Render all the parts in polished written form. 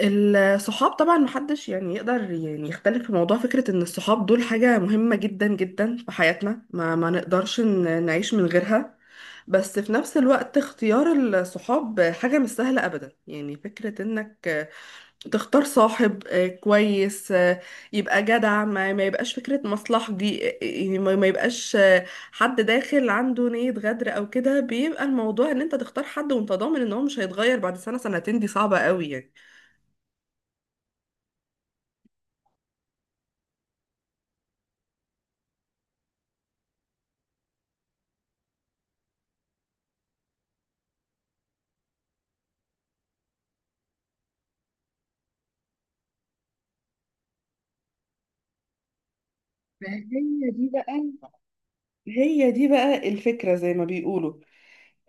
الصحاب طبعا محدش يعني يقدر يعني يختلف في موضوع فكرة ان الصحاب دول حاجة مهمة جدا جدا في حياتنا، ما نقدرش نعيش من غيرها. بس في نفس الوقت اختيار الصحاب حاجة مش سهلة ابدا، يعني فكرة انك تختار صاحب كويس، يبقى جدع، ما يبقاش فكرة مصلحة، دي يعني ما يبقاش، حد داخل عنده نية غدر او كده. بيبقى الموضوع ان انت تختار حد وانت ضامن ان هو مش هيتغير بعد سنة سنتين، دي صعبة قوي يعني. ما هي دي بقى، الفكرة زي ما بيقولوا،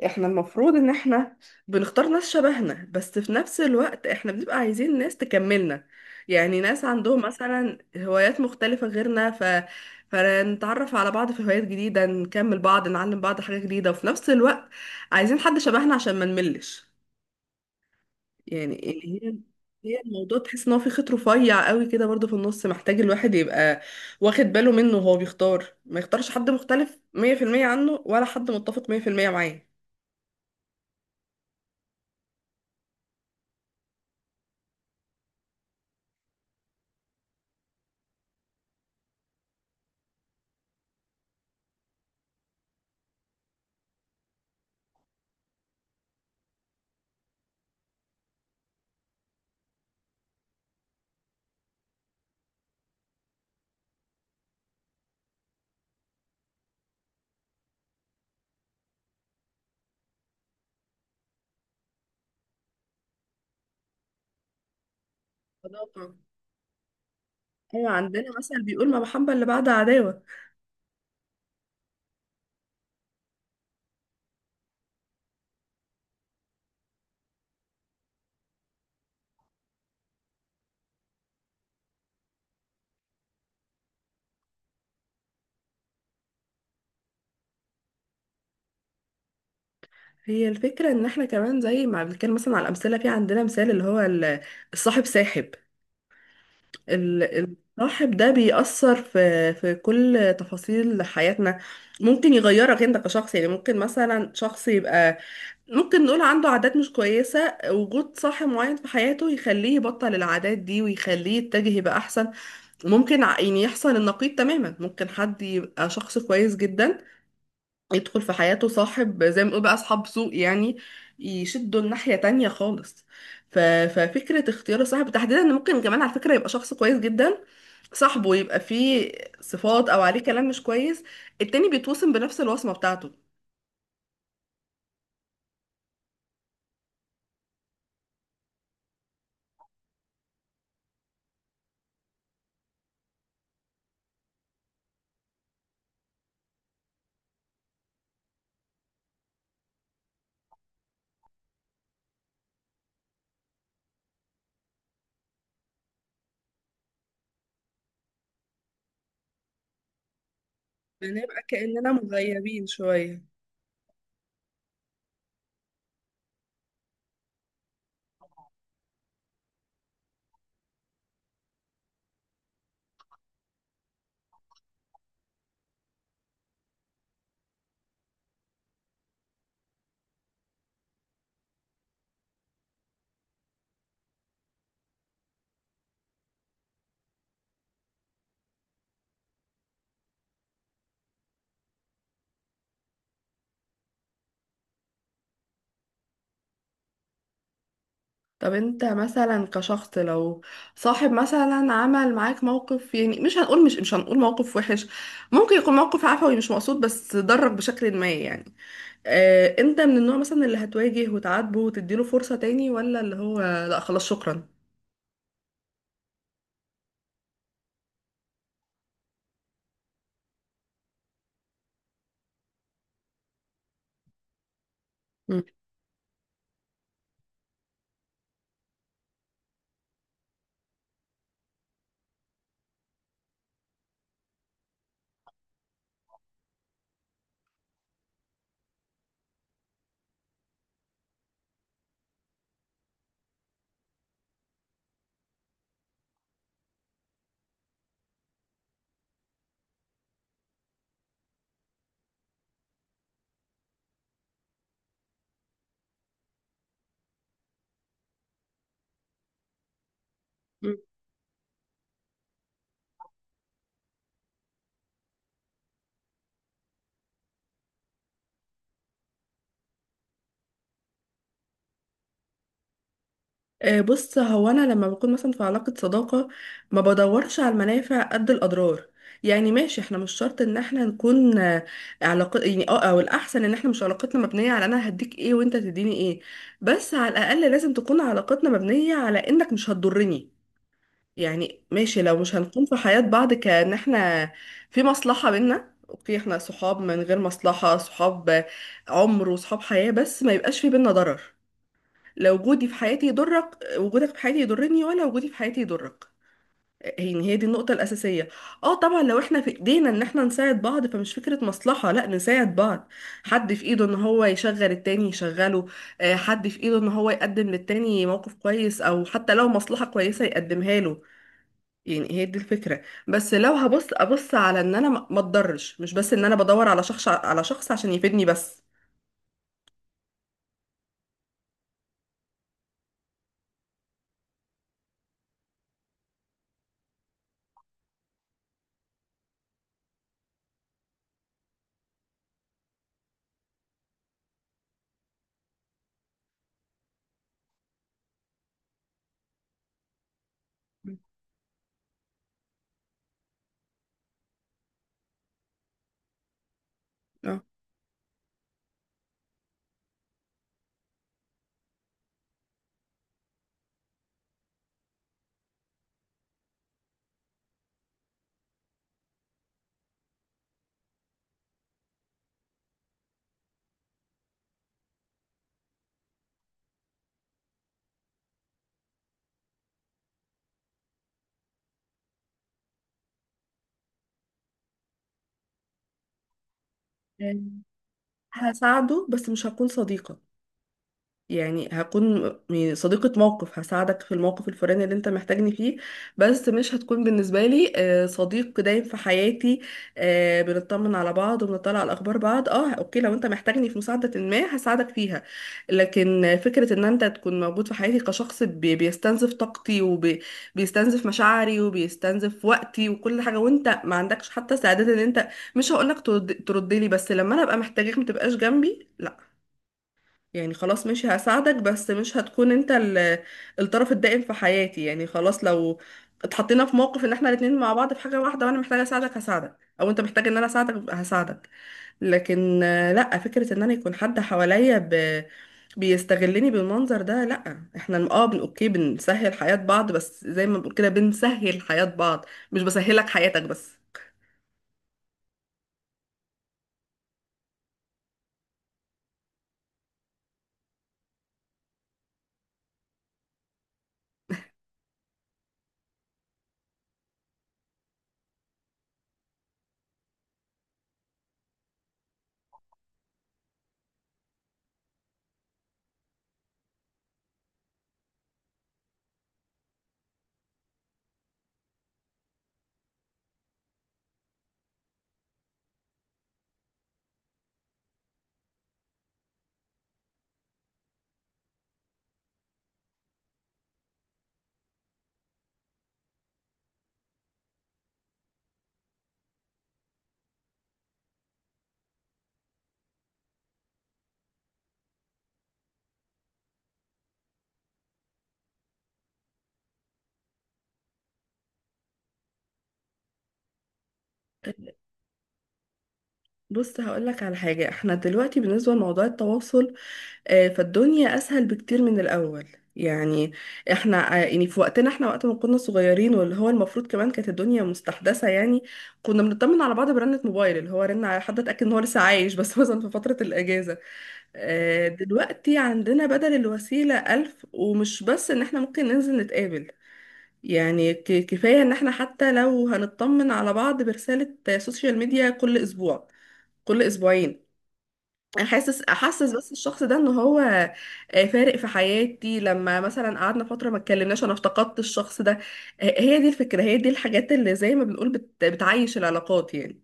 احنا المفروض ان احنا بنختار ناس شبهنا، بس في نفس الوقت احنا بنبقى عايزين ناس تكملنا، يعني ناس عندهم مثلا هوايات مختلفة غيرنا. فنتعرف على بعض في هوايات جديدة، نكمل بعض، نعلم بعض حاجة جديدة، وفي نفس الوقت عايزين حد شبهنا عشان ما نملش، يعني اللي هي الموضوع، تحس ان هو في خيط رفيع قوي كده برضه في النص، محتاج الواحد يبقى واخد باله منه وهو بيختار، ما يختارش حد مختلف 100% عنه ولا حد متفق 100% معاه. صداقة. ايوه عندنا مثل بيقول ما محبة اللي بعد عداوة. هي الفكرة ان احنا كمان زي ما بنتكلم مثلا على الامثلة، في عندنا مثال اللي هو الصاحب ساحب. الصاحب ده بيأثر في كل تفاصيل حياتنا، ممكن يغيرك انت كشخص. يعني ممكن مثلا شخص يبقى ممكن نقول عنده عادات مش كويسة، وجود صاحب معين في حياته يخليه يبطل العادات دي ويخليه يتجه يبقى أحسن. ممكن يعني يحصل النقيض تماما، ممكن حد يبقى شخص كويس جدا، يدخل في حياته صاحب زي ما بنقول بقى أصحاب سوء، يعني يشدوا الناحية تانية خالص. ف... ففكرة اختيار الصاحب تحديدا، إن ممكن كمان على فكرة يبقى شخص كويس جدا، صاحبه يبقى فيه صفات أو عليه كلام مش كويس، التاني بيتوسم بنفس الوصمة بتاعته. بنبقى كأننا مغيبين شوية. طب انت مثلا كشخص لو صاحب مثلا عمل معاك موقف، يعني مش هنقول مش هنقول موقف وحش، ممكن يكون موقف عفوي مش مقصود بس ضرك بشكل ما، يعني اه انت من النوع مثلا اللي هتواجه وتعاتبه وتديله فرصة تاني، ولا اللي هو لا خلاص شكرا. مم. بص هو انا لما بكون مثلا في علاقة صداقة ما بدورش على المنافع قد الاضرار. يعني ماشي، احنا مش شرط ان احنا نكون علاقة يعني اه، او الاحسن ان احنا مش علاقتنا مبنية على انا هديك ايه وانت تديني ايه، بس على الاقل لازم تكون علاقتنا مبنية على انك مش هتضرني. يعني ماشي لو مش هنكون في حياة بعض كأن احنا في مصلحة بينا، اوكي احنا صحاب من غير مصلحة، صحاب عمر وصحاب حياة، بس ما يبقاش في بينا ضرر. لا وجودي في حياتي يضرك، وجودك في حياتي يضرني، ولا وجودي في حياتي يضرك. يعني هي دي النقطة الأساسية. اه طبعا لو احنا في ايدينا ان احنا نساعد بعض، فمش فكرة مصلحة، لا نساعد بعض. حد في ايده ان هو يشغل التاني يشغله، حد في ايده ان هو يقدم للتاني موقف كويس او حتى لو مصلحة كويسة يقدمها له. يعني هي دي الفكرة. بس لو هبص على ان انا ما اتضرش، مش بس ان انا بدور على شخص عشان يفيدني بس. اه. مم. هساعده بس مش هكون صديقة. يعني هكون يعني صديقة موقف، هساعدك في الموقف الفلاني اللي انت محتاجني فيه، بس مش هتكون بالنسبة لي صديق دايم في حياتي. بنطمن على بعض وبنطلع على الأخبار بعض، اه اوكي لو انت محتاجني في مساعدة ما هساعدك فيها. لكن فكرة ان انت تكون موجود في حياتي كشخص بيستنزف طاقتي وبيستنزف مشاعري وبيستنزف وقتي وكل حاجة، وانت ما عندكش حتى استعداد ان انت، مش هقولك ترد لي، بس لما انا ابقى محتاجك ما تبقاش جنبي، لا. يعني خلاص ماشي هساعدك، بس مش هتكون انت الطرف الدائم في حياتي. يعني خلاص لو اتحطينا في موقف ان احنا الاتنين مع بعض في حاجة واحدة وانا محتاجة اساعدك هساعدك، او انت محتاج ان انا اساعدك هساعدك، لكن لا فكرة ان انا يكون حد حواليا بيستغلني بالمنظر ده، لا. احنا اه اوكي بنسهل حياة بعض، بس زي ما بنقول كده بنسهل حياة بعض، مش بسهلك حياتك بس. بص هقولك على حاجة، احنا دلوقتي بالنسبة لموضوع التواصل فالدنيا اسهل بكتير من الاول. يعني احنا يعني في وقتنا احنا، وقت ما كنا صغيرين واللي هو المفروض كمان كانت الدنيا مستحدثه، يعني كنا بنطمن على بعض برنة موبايل، اللي هو رن على حد اتاكد ان هو لسه عايش بس مثلا في فتره الاجازه. دلوقتي عندنا بدل الوسيله الف، ومش بس ان احنا ممكن ننزل نتقابل. يعني كفايه ان احنا حتى لو هنطمن على بعض برساله سوشيال ميديا كل اسبوع كل اسبوعين. احسس بس الشخص ده ان هو فارق في حياتي، لما مثلا قعدنا فتره ما اتكلمناش انا افتقدت الشخص ده. هي دي الفكره، هي دي الحاجات اللي زي ما بنقول بتعيش العلاقات يعني.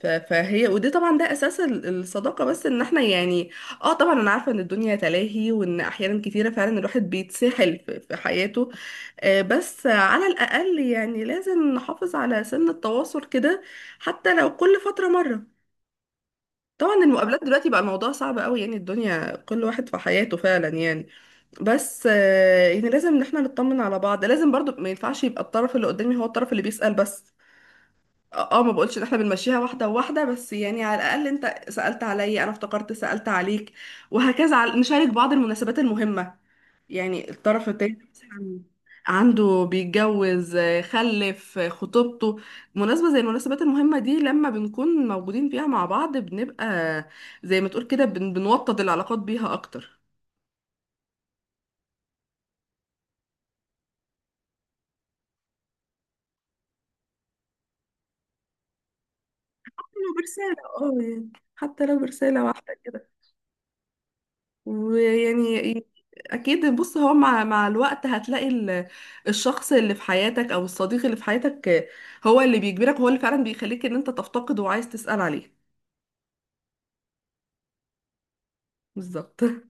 فهي ودي طبعا ده اساس الصداقه، بس ان احنا يعني، اه طبعا انا عارفه ان الدنيا تلاهي، وان احيانا كتيره فعلا الواحد بيتسحل في حياته. بس على الاقل يعني لازم نحافظ على سن التواصل كده، حتى لو كل فتره مره. طبعا المقابلات دلوقتي بقى الموضوع صعب قوي، يعني الدنيا كل واحد في حياته فعلا يعني. بس يعني لازم ان احنا نطمن على بعض، لازم برضو ما ينفعش يبقى الطرف اللي قدامي هو الطرف اللي بيسأل بس. اه ما بقولش ان احنا بنمشيها واحده واحده، بس يعني على الاقل انت سألت عليا انا افتكرت سألت عليك، وهكذا. نشارك بعض المناسبات المهمه، يعني الطرف التاني مثلا عنده بيتجوز خلف خطوبته، مناسبة زي المناسبات المهمة دي لما بنكون موجودين فيها مع بعض بنبقى زي ما تقول كده بنوطد العلاقات بيها أكتر. حتى لو برسالة اه يعني، حتى لو برسالة واحدة كده. ويعني ي- أكيد. بص هو مع الوقت هتلاقي الشخص اللي في حياتك أو الصديق اللي في حياتك، هو اللي بيجبرك، هو اللي فعلا بيخليك إن أنت تفتقد وعايز تسأل عليه. بالظبط.